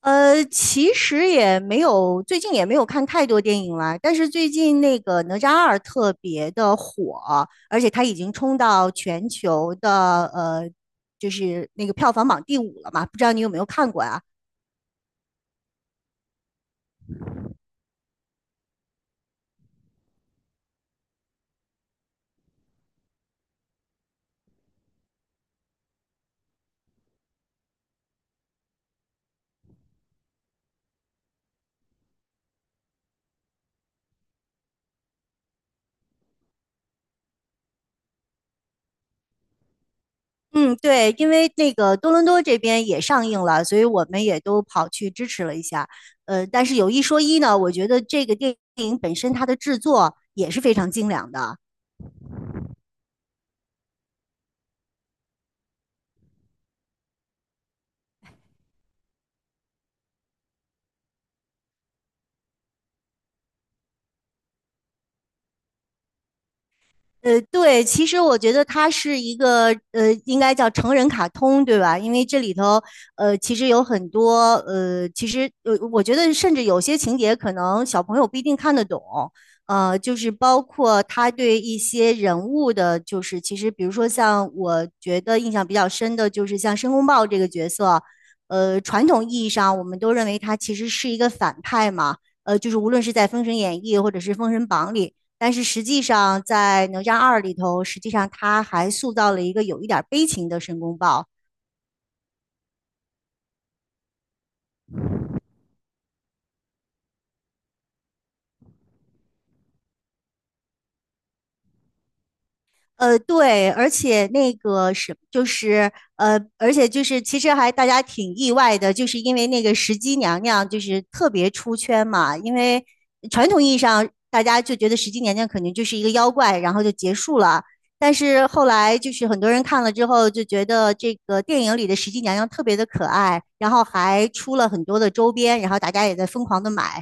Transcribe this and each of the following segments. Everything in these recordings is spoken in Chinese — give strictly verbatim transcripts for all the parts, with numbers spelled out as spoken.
呃，其实也没有，最近也没有看太多电影啦。但是最近那个哪吒二特别的火，而且它已经冲到全球的呃，就是那个票房榜第五了嘛。不知道你有没有看过啊？嗯，对，因为那个多伦多这边也上映了，所以我们也都跑去支持了一下。呃，但是有一说一呢，我觉得这个电影本身它的制作也是非常精良的。呃，对，其实我觉得它是一个呃，应该叫成人卡通，对吧？因为这里头呃，其实有很多呃，其实呃，我觉得甚至有些情节可能小朋友不一定看得懂，呃，就是包括他对一些人物的，就是其实比如说像我觉得印象比较深的，就是像申公豹这个角色，呃，传统意义上我们都认为他其实是一个反派嘛。呃，就是无论是在《封神演义》或者是《封神榜》里，但是实际上在《哪吒二》里头，实际上他还塑造了一个有一点悲情的申公豹。呃，对，而且那个是就是呃，而且就是其实还大家挺意外的，就是因为那个石矶娘娘就是特别出圈嘛，因为传统意义上大家就觉得石矶娘娘肯定就是一个妖怪，然后就结束了。但是后来就是很多人看了之后就觉得这个电影里的石矶娘娘特别的可爱，然后还出了很多的周边，然后大家也在疯狂的买。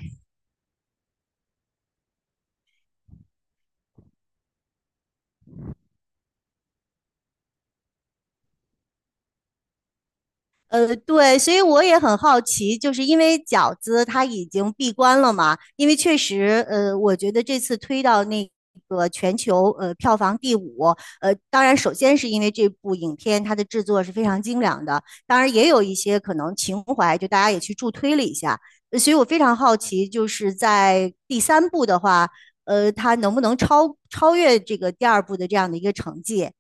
呃，对，所以我也很好奇，就是因为饺子它已经闭关了嘛，因为确实，呃，我觉得这次推到那个全球呃票房第五。呃，当然首先是因为这部影片它的制作是非常精良的，当然也有一些可能情怀，就大家也去助推了一下。呃所以我非常好奇，就是在第三部的话，呃，它能不能超超越这个第二部的这样的一个成绩？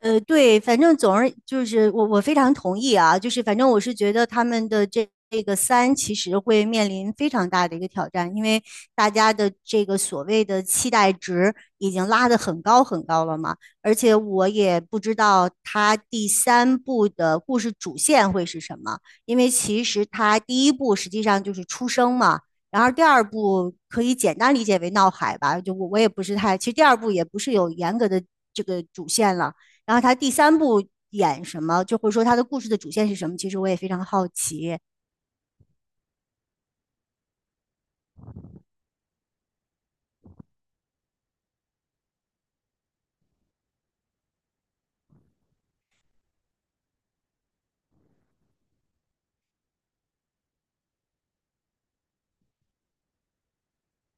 呃，对，反正总而就是我我非常同意啊，就是反正我是觉得他们的这这个三其实会面临非常大的一个挑战，因为大家的这个所谓的期待值已经拉得很高很高了嘛，而且我也不知道他第三部的故事主线会是什么，因为其实他第一部实际上就是出生嘛。然后第二部可以简单理解为闹海吧，就我我也不是太，其实第二部也不是有严格的这个主线了，然后他第三部演什么，就或者说他的故事的主线是什么，其实我也非常好奇。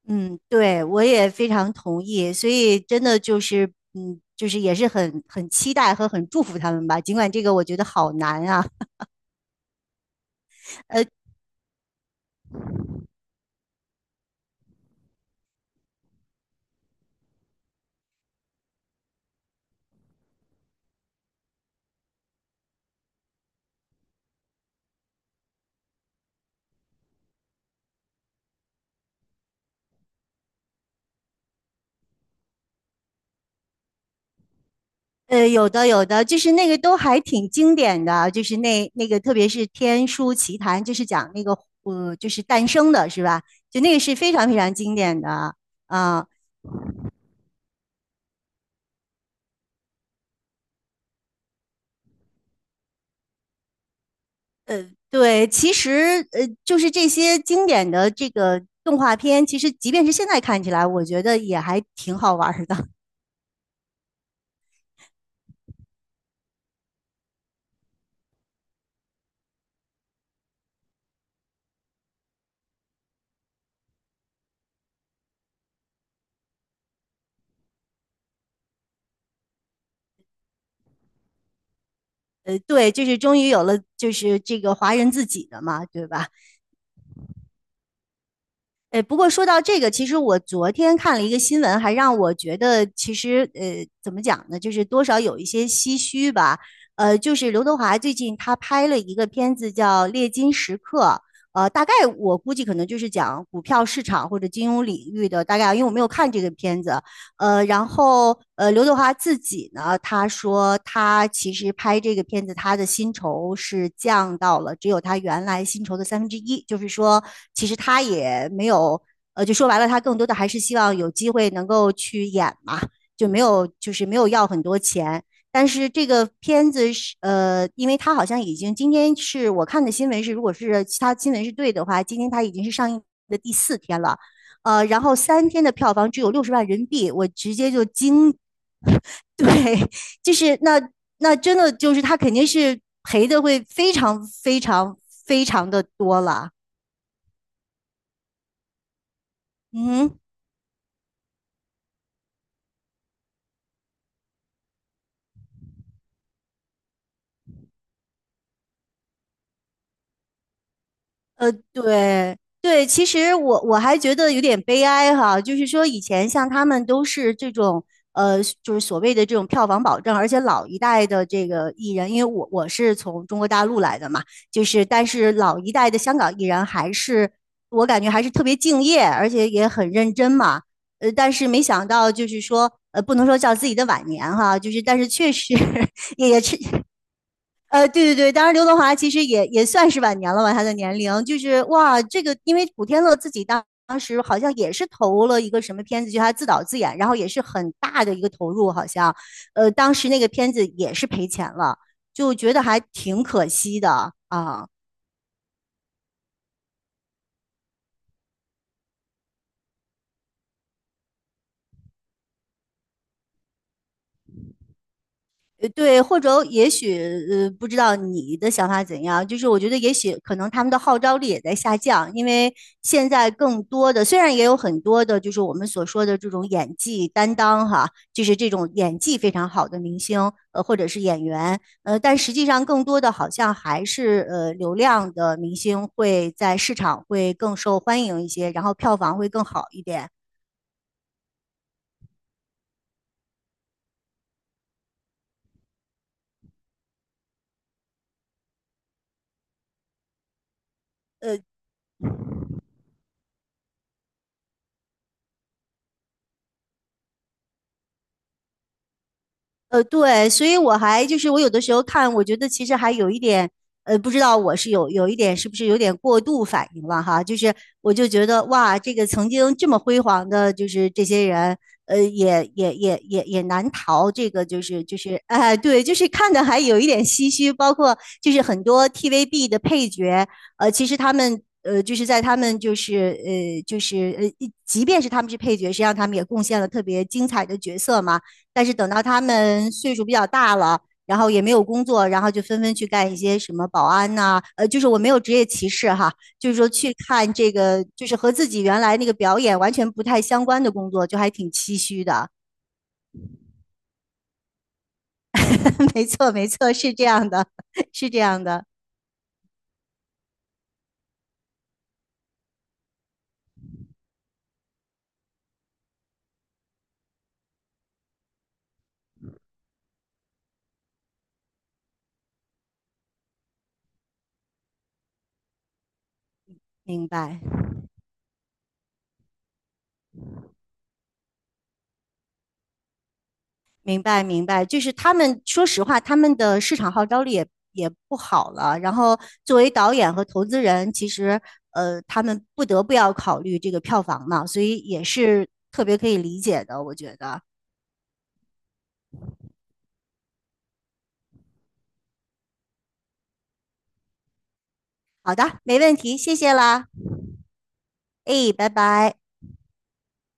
嗯，对，我也非常同意，所以真的就是，嗯，就是也是很很期待和很祝福他们吧。尽管这个我觉得好难啊。呃呃，有的有的，就是那个都还挺经典的，就是那那个特别是《天书奇谭》，就是讲那个呃，就是诞生的是吧？就那个是非常非常经典的啊、对，其实呃，就是这些经典的这个动画片，其实即便是现在看起来，我觉得也还挺好玩儿的。呃，对，就是终于有了，就是这个华人自己的嘛，对吧？呃，不过说到这个，其实我昨天看了一个新闻，还让我觉得其实呃，怎么讲呢，就是多少有一些唏嘘吧。呃，就是刘德华最近他拍了一个片子叫《猎金时刻》。呃，大概我估计可能就是讲股票市场或者金融领域的，大概因为我没有看这个片子。呃，然后呃，刘德华自己呢，他说他其实拍这个片子，他的薪酬是降到了只有他原来薪酬的三分之一，就是说，其实他也没有，呃，就说白了，他更多的还是希望有机会能够去演嘛，就没有就是没有要很多钱。但是这个片子是呃，因为他好像已经今天是我看的新闻是，如果是其他新闻是对的话，今天他已经是上映的第四天了。呃，然后三天的票房只有六十万人民币，我直接就惊。对，就是那那真的就是他肯定是赔的会非常非常非常的多了。嗯。呃，对对，其实我我还觉得有点悲哀哈，就是说以前像他们都是这种呃，就是所谓的这种票房保证，而且老一代的这个艺人，因为我我是从中国大陆来的嘛，就是但是老一代的香港艺人还是我感觉还是特别敬业，而且也很认真嘛。呃，但是没想到就是说呃，不能说叫自己的晚年哈，就是但是确实 也也呃，对对对，当然刘德华其实也也算是晚年了吧，他的年龄就是哇，这个因为古天乐自己当当时好像也是投了一个什么片子，就他自导自演，然后也是很大的一个投入，好像，呃，当时那个片子也是赔钱了，就觉得还挺可惜的啊。呃，对，或者也许呃，不知道你的想法怎样，就是我觉得也许可能他们的号召力也在下降，因为现在更多的虽然也有很多的，就是我们所说的这种演技担当哈，就是这种演技非常好的明星，呃，或者是演员，呃，但实际上更多的好像还是呃流量的明星会在市场会更受欢迎一些，然后票房会更好一点。呃，呃，对，所以我还就是我有的时候看，我觉得其实还有一点，呃，不知道我是有有一点是不是有点过度反应了哈，就是我就觉得哇，这个曾经这么辉煌的，就是这些人，呃，也也也也也难逃这个就是就是哎，对，就是看的还有一点唏嘘，包括就是很多 T V B 的配角，呃，其实他们。呃，就是在他们就是呃，就是呃，即便是他们是配角，实际上他们也贡献了特别精彩的角色嘛。但是等到他们岁数比较大了，然后也没有工作，然后就纷纷去干一些什么保安呐、呃，就是我没有职业歧视哈，就是说去看这个，就是和自己原来那个表演完全不太相关的工作，就还挺唏嘘的。没错，没错，是这样的，是这样的。明白。明白明白，就是他们说实话，他们的市场号召力也也不好了。然后作为导演和投资人，其实呃，他们不得不要考虑这个票房嘛，所以也是特别可以理解的，我觉得。好的，没问题，谢谢啦，哎，拜拜。